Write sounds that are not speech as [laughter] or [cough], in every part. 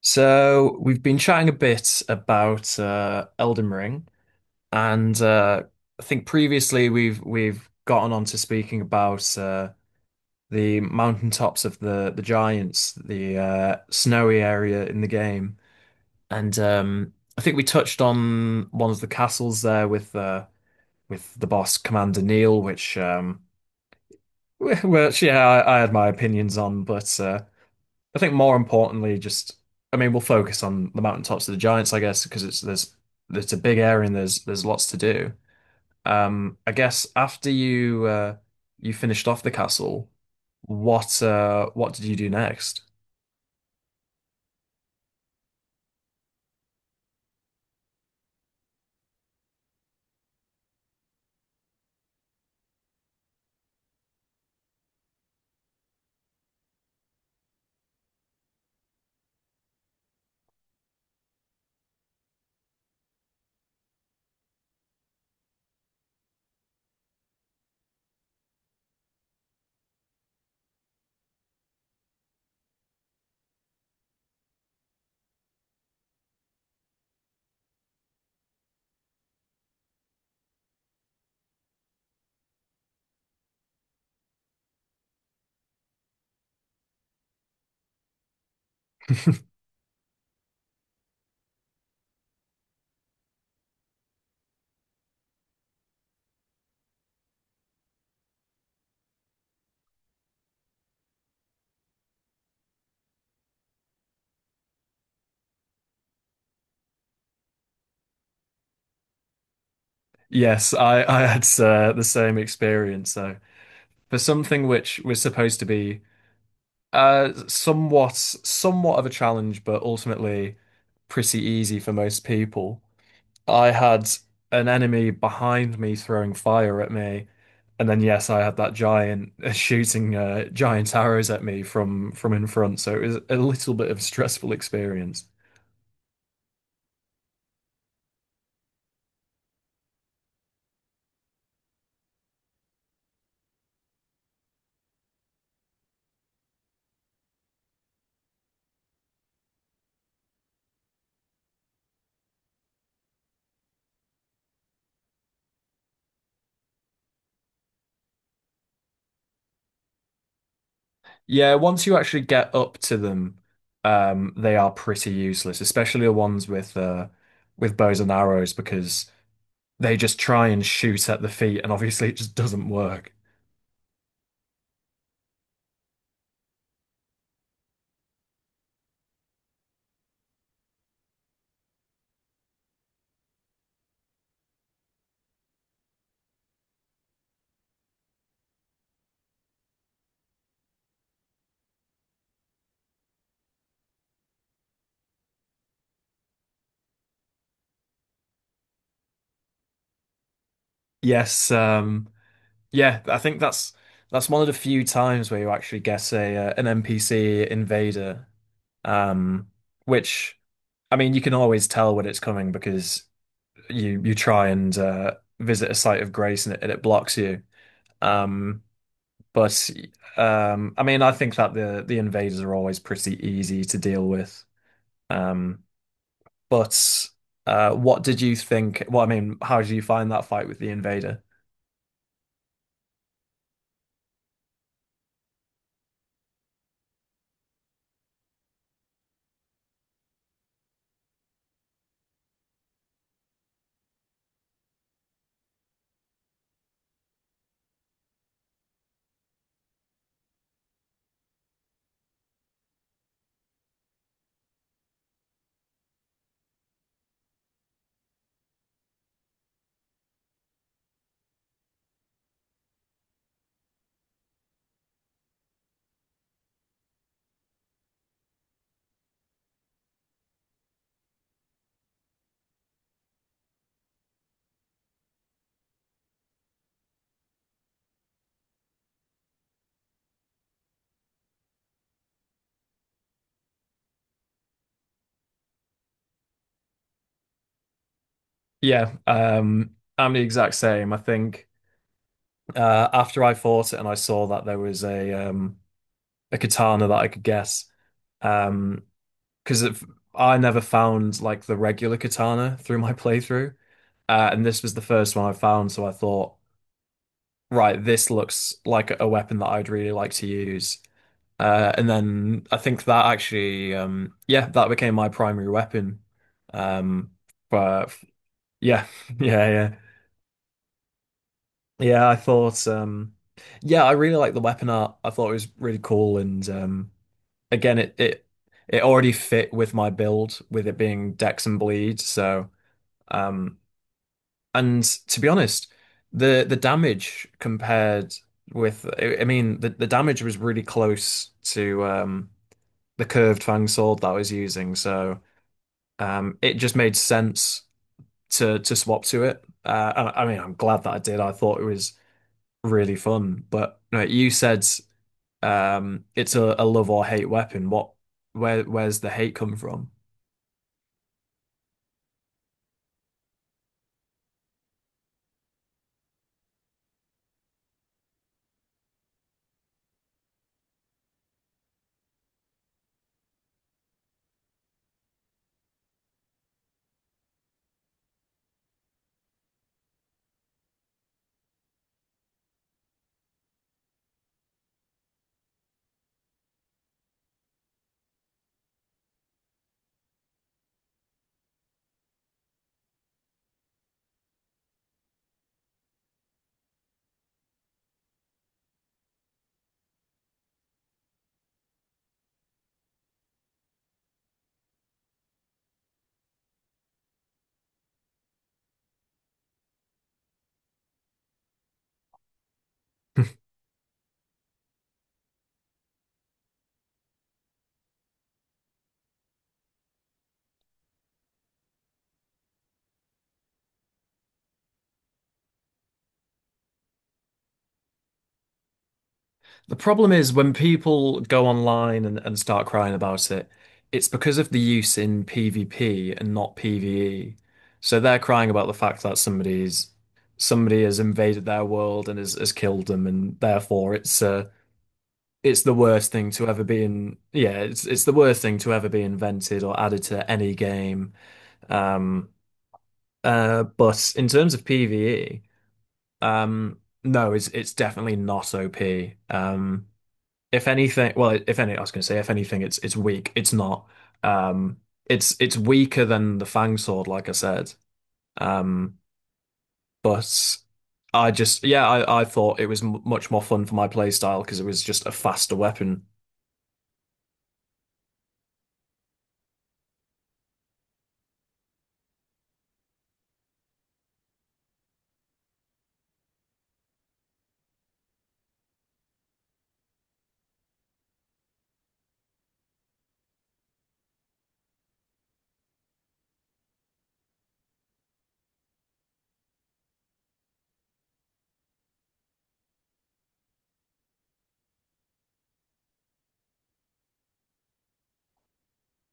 So we've been chatting a bit about Elden Ring, and I think previously we've gotten on to speaking about the mountaintops of the giants, the snowy area in the game, and I think we touched on one of the castles there with the boss Commander Neil, which [laughs] which yeah, I had my opinions on, but I think more importantly, just I mean, we'll focus on the mountaintops of the Giants, I guess, because it's a big area and there's lots to do. I guess after you you finished off the castle, what did you do next? [laughs] Yes, I had the same experience. So for something which was supposed to be somewhat of a challenge, but ultimately pretty easy for most people. I had an enemy behind me throwing fire at me, and then yes, I had that giant [laughs] shooting giant arrows at me from in front. So it was a little bit of a stressful experience. Yeah, once you actually get up to them, they are pretty useless, especially the ones with bows and arrows because they just try and shoot at the feet, and obviously it just doesn't work. Yes, yeah, I think that's one of the few times where you actually get a an NPC invader, um, which I mean you can always tell when it's coming because you try and visit a site of grace and it blocks you. Um, But I mean, I think that the invaders are always pretty easy to deal with. Um, but what did you think? Well, I mean, how did you find that fight with the invader? Yeah, I'm the exact same. I think after I fought it and I saw that there was a katana that I could guess, um, because I never found like the regular katana through my playthrough, and this was the first one I found, so I thought. Right, this looks like a weapon that I'd really like to use. And then I think that actually, yeah, that became my primary weapon. Um, but yeah, [laughs] yeah, yeah, yeah. I thought, yeah, I really liked the weapon art. I thought it was really cool, and again, it already fit with my build, with it being Dex and Bleed. So um, and to be honest, the damage compared with I mean the damage was really close to the curved fang sword that I was using, so it just made sense to swap to it. And I mean I'm glad that I did. I thought it was really fun. But no, you said it's a love or hate weapon. What where's the hate come from? [laughs] The problem is when people go online and start crying about it, it's because of the use in PvP and not PvE. So they're crying about the fact that somebody has invaded their world and has killed them, and therefore it's the worst thing to ever be in. Yeah, it's the worst thing to ever be invented or added to any game. Um, but in terms of PvE, um, no, it's definitely not OP. Um, if anything, well, if any, I was going to say, if anything, it's weak. It's not. Um, it's weaker than the Fang Sword, like I said. Um, but I just, yeah, I thought it was m much more fun for my playstyle because it was just a faster weapon.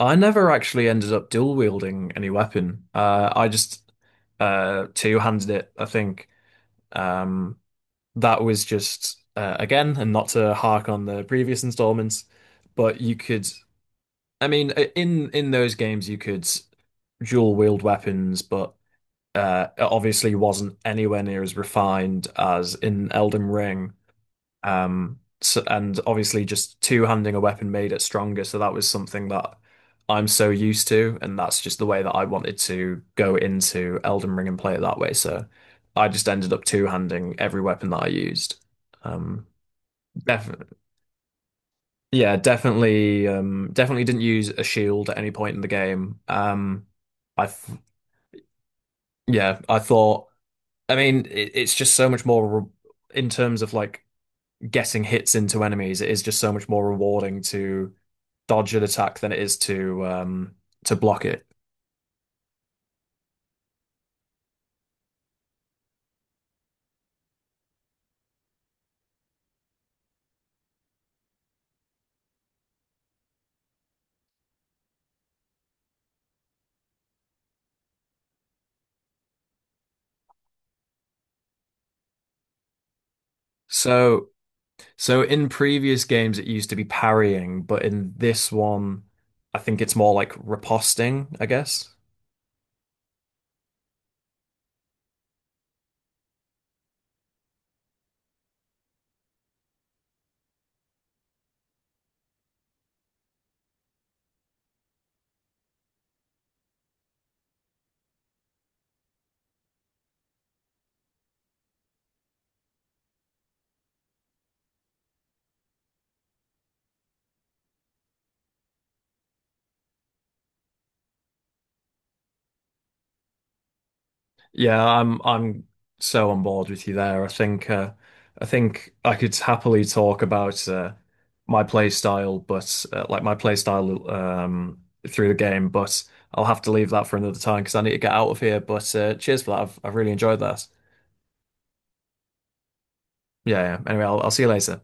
I never actually ended up dual wielding any weapon. I just two-handed it, I think. Um, that was just again, and not to hark on the previous installments, but you could. I mean, in those games, you could dual wield weapons, but it obviously wasn't anywhere near as refined as in Elden Ring. So, and obviously, just two-handing a weapon made it stronger. So that was something that I'm so used to, and that's just the way that I wanted to go into Elden Ring and play it that way. So I just ended up two-handing every weapon that I used. Um, def Yeah, definitely, definitely didn't use a shield at any point in the game. I, th- yeah, I thought. I mean, it's just so much more re in terms of like getting hits into enemies. It is just so much more rewarding to dodge an attack than it is to block it. So, so in previous games, it used to be parrying, but in this one, I think it's more like riposting, I guess. Yeah, I'm so on board with you there. I think I think I could happily talk about my play style, but like my play style through the game, but I'll have to leave that for another time because I need to get out of here. But cheers for that. I've really enjoyed that. Yeah. Anyway, I'll see you later.